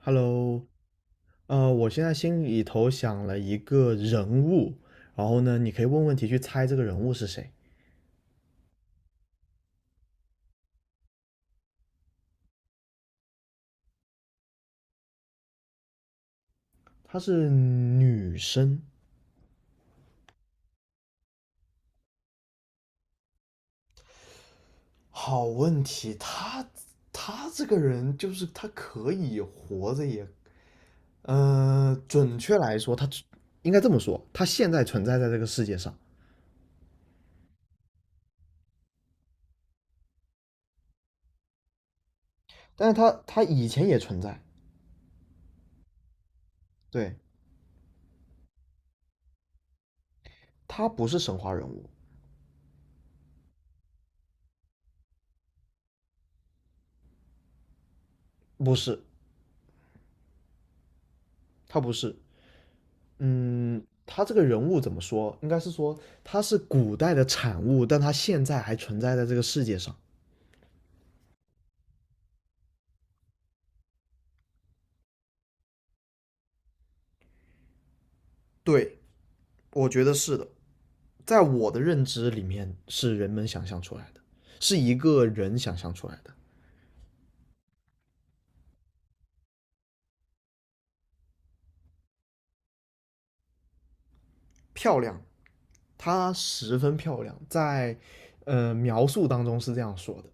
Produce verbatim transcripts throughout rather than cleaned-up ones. Hello，呃，我现在心里头想了一个人物，然后呢，你可以问问题去猜这个人物是谁。她是女生。好问题。她，他这个人就是他可以活着也，呃，准，准确来说，她应该这么说，她现在存在在这个世界上，但是她她以前也存在。对，她不是神话人物。不是，她不是。嗯，他这个人物怎么说？应该是说他是古代的产物，但他现在还存在在这个世界上。对，我觉得是的。在我的认知里面，是人们想象出来的，是一个人想象出来的。漂亮，她十分漂亮。在呃描述当中是这样说的。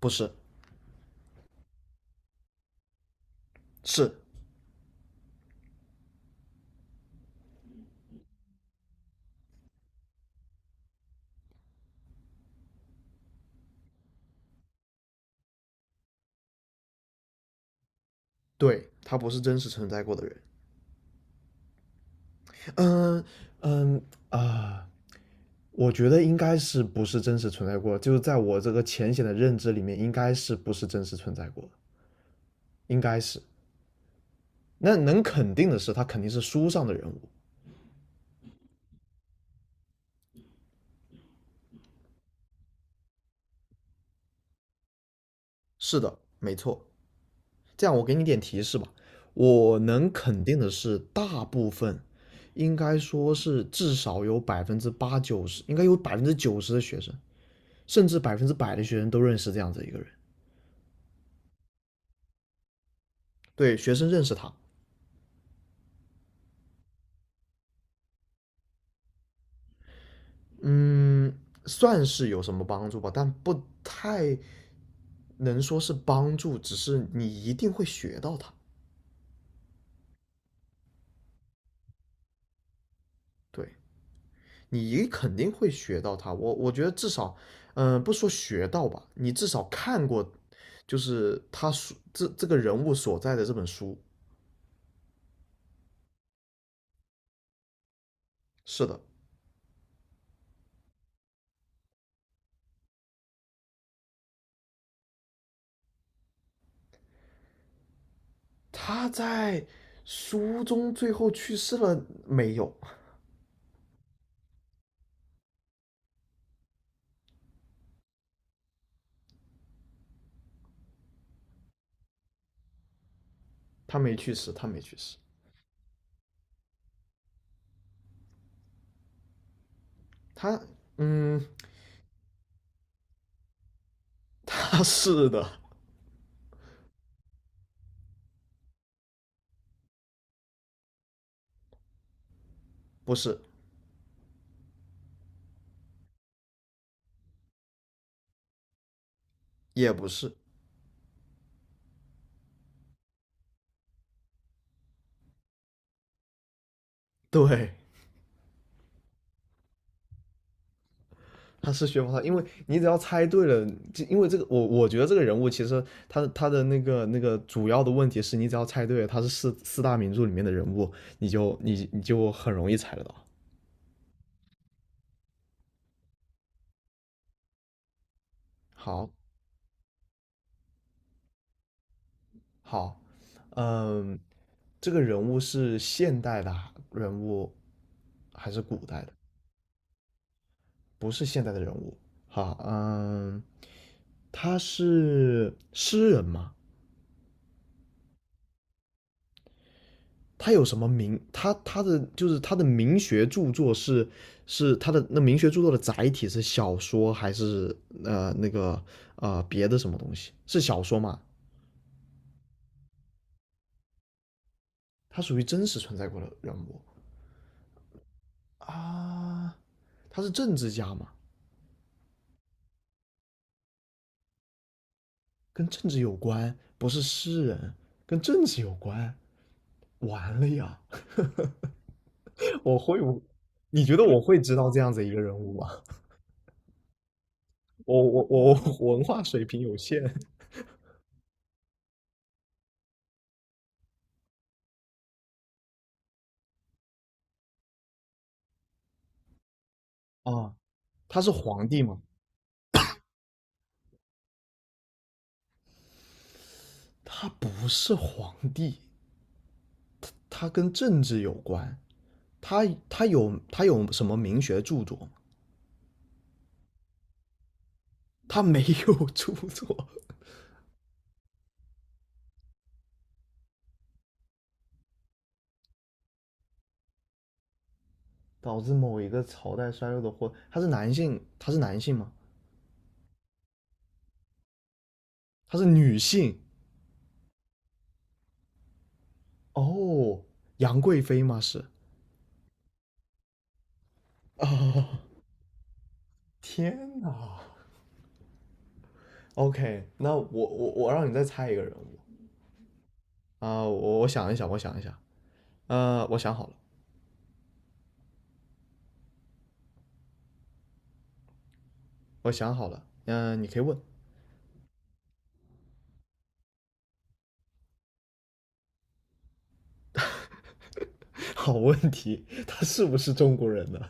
不是。是。对，她不是真实存在过的人。嗯嗯啊。呃我觉得应该是不是真实存在过，就是在我这个浅显的认知里面，应该是不是真实存在过，应该是。那能肯定的是，他肯定是书上的人物。是的，没错。这样我给你点提示吧。我能肯定的是，大部分应该说是至少有百分之八九十，应该有百分之九十的学生，甚至百分之百的学生都认识这样子一个人。对，学生认识他。嗯，算是有什么帮助吧，但不太能说是帮助，只是你一定会学到它。对，你肯定会学到它。我我觉得至少，嗯、呃不说学到吧，你至少看过，就是他书这这个人物所在的这本书。是的，他在书中最后去世了没有？他没去世，他没去世。他，嗯，他是的。不是。也不是。对，他是薛宝钗。因为你只要猜对了，就因为这个我我觉得这个人物其实他他的那个那个主要的问题是你只要猜对了他是四四大名著里面的人物，你就你你就很容易猜得到。好。好。嗯，这个人物是现代的人物还是古代的？不是现代的人物。好。嗯，他是诗人吗？他有什么名？他他的就是他的名学著作是，是他的那名学著作的载体是小说还是呃那个呃别的什么东西？是小说吗？他属于真实存在过的人物。啊，他是政治家吗？跟政治有关，不是诗人。跟政治有关。完了呀！我会不？你觉得我会知道这样子一个人物吗？我我我我文化水平有限。啊，他是皇帝吗？他不是皇帝，他跟政治有关。他他有他有什么名学著作吗？他没有著作。导致某一个朝代衰落的祸。他是男性，他是男性吗？他是女性？哦，杨贵妃吗？是。天哪！OK，那我我我让你再猜一个人物。啊、呃我我想一想，我想一想。呃，我想好了，我想好了。嗯、呃你可以问。好问题，他是不是中国人呢？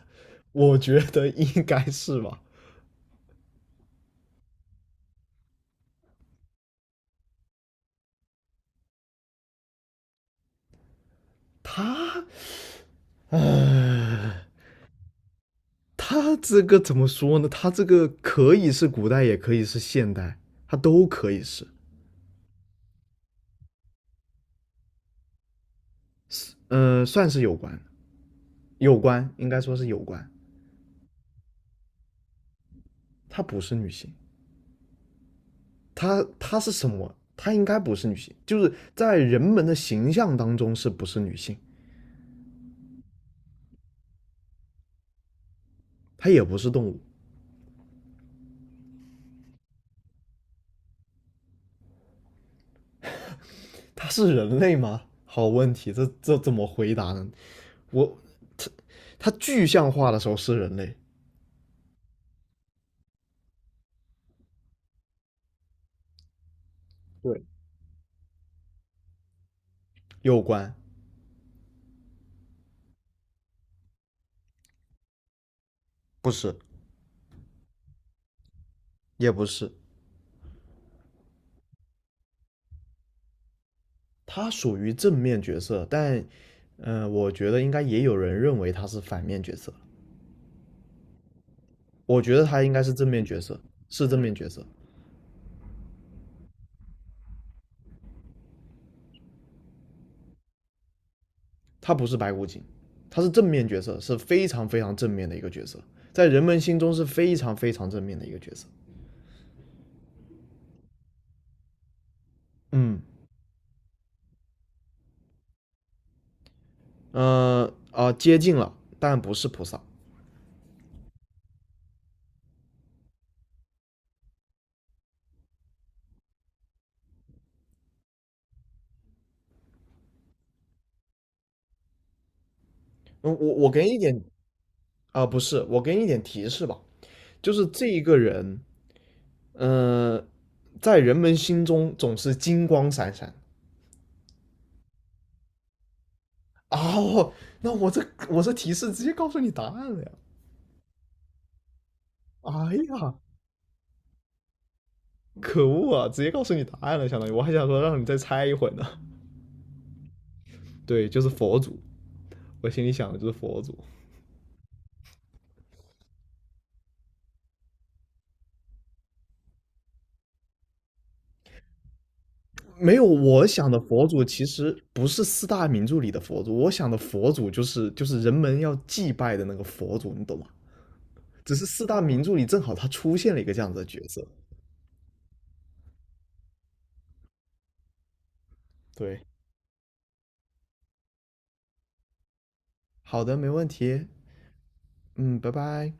我觉得应该是吧。他，唉，他这个怎么说呢？他这个可以是古代，也可以是现代，他都可以是。嗯、呃算是有关，有关，应该说是有关。她不是女性。她她是什么？她应该不是女性，就是在人们的形象当中是不是女性？她也不是动物。她是人类吗？好问题，这这怎么回答呢？我，她她具象化的时候是人类。对，有关。不是。也不是。他属于正面角色，但嗯，呃，我觉得应该也有人认为他是反面角色。我觉得他应该是正面角色，是正面角色。他不是白骨精。他是正面角色，是非常非常正面的一个角色，在人们心中是非常非常正面的一个角色。嗯，呃啊、呃接近了，但不是菩萨。嗯，我我给你一点。啊、呃不是，我给你一点提示吧。就是这一个人。呃，在人们心中总是金光闪闪。啊！我那我这我这提示直接告诉你答案了呀！哎呀，可恶啊！直接告诉你答案了，相当于我还想说让你再猜一会儿呢。对，就是佛祖，我心里想的就是佛祖。没有，我想的佛祖其实不是四大名著里的佛祖，我想的佛祖就是就是人们要祭拜的那个佛祖，你懂吗？只是四大名著里正好他出现了一个这样子的角色。对，好的，没问题。嗯，拜拜。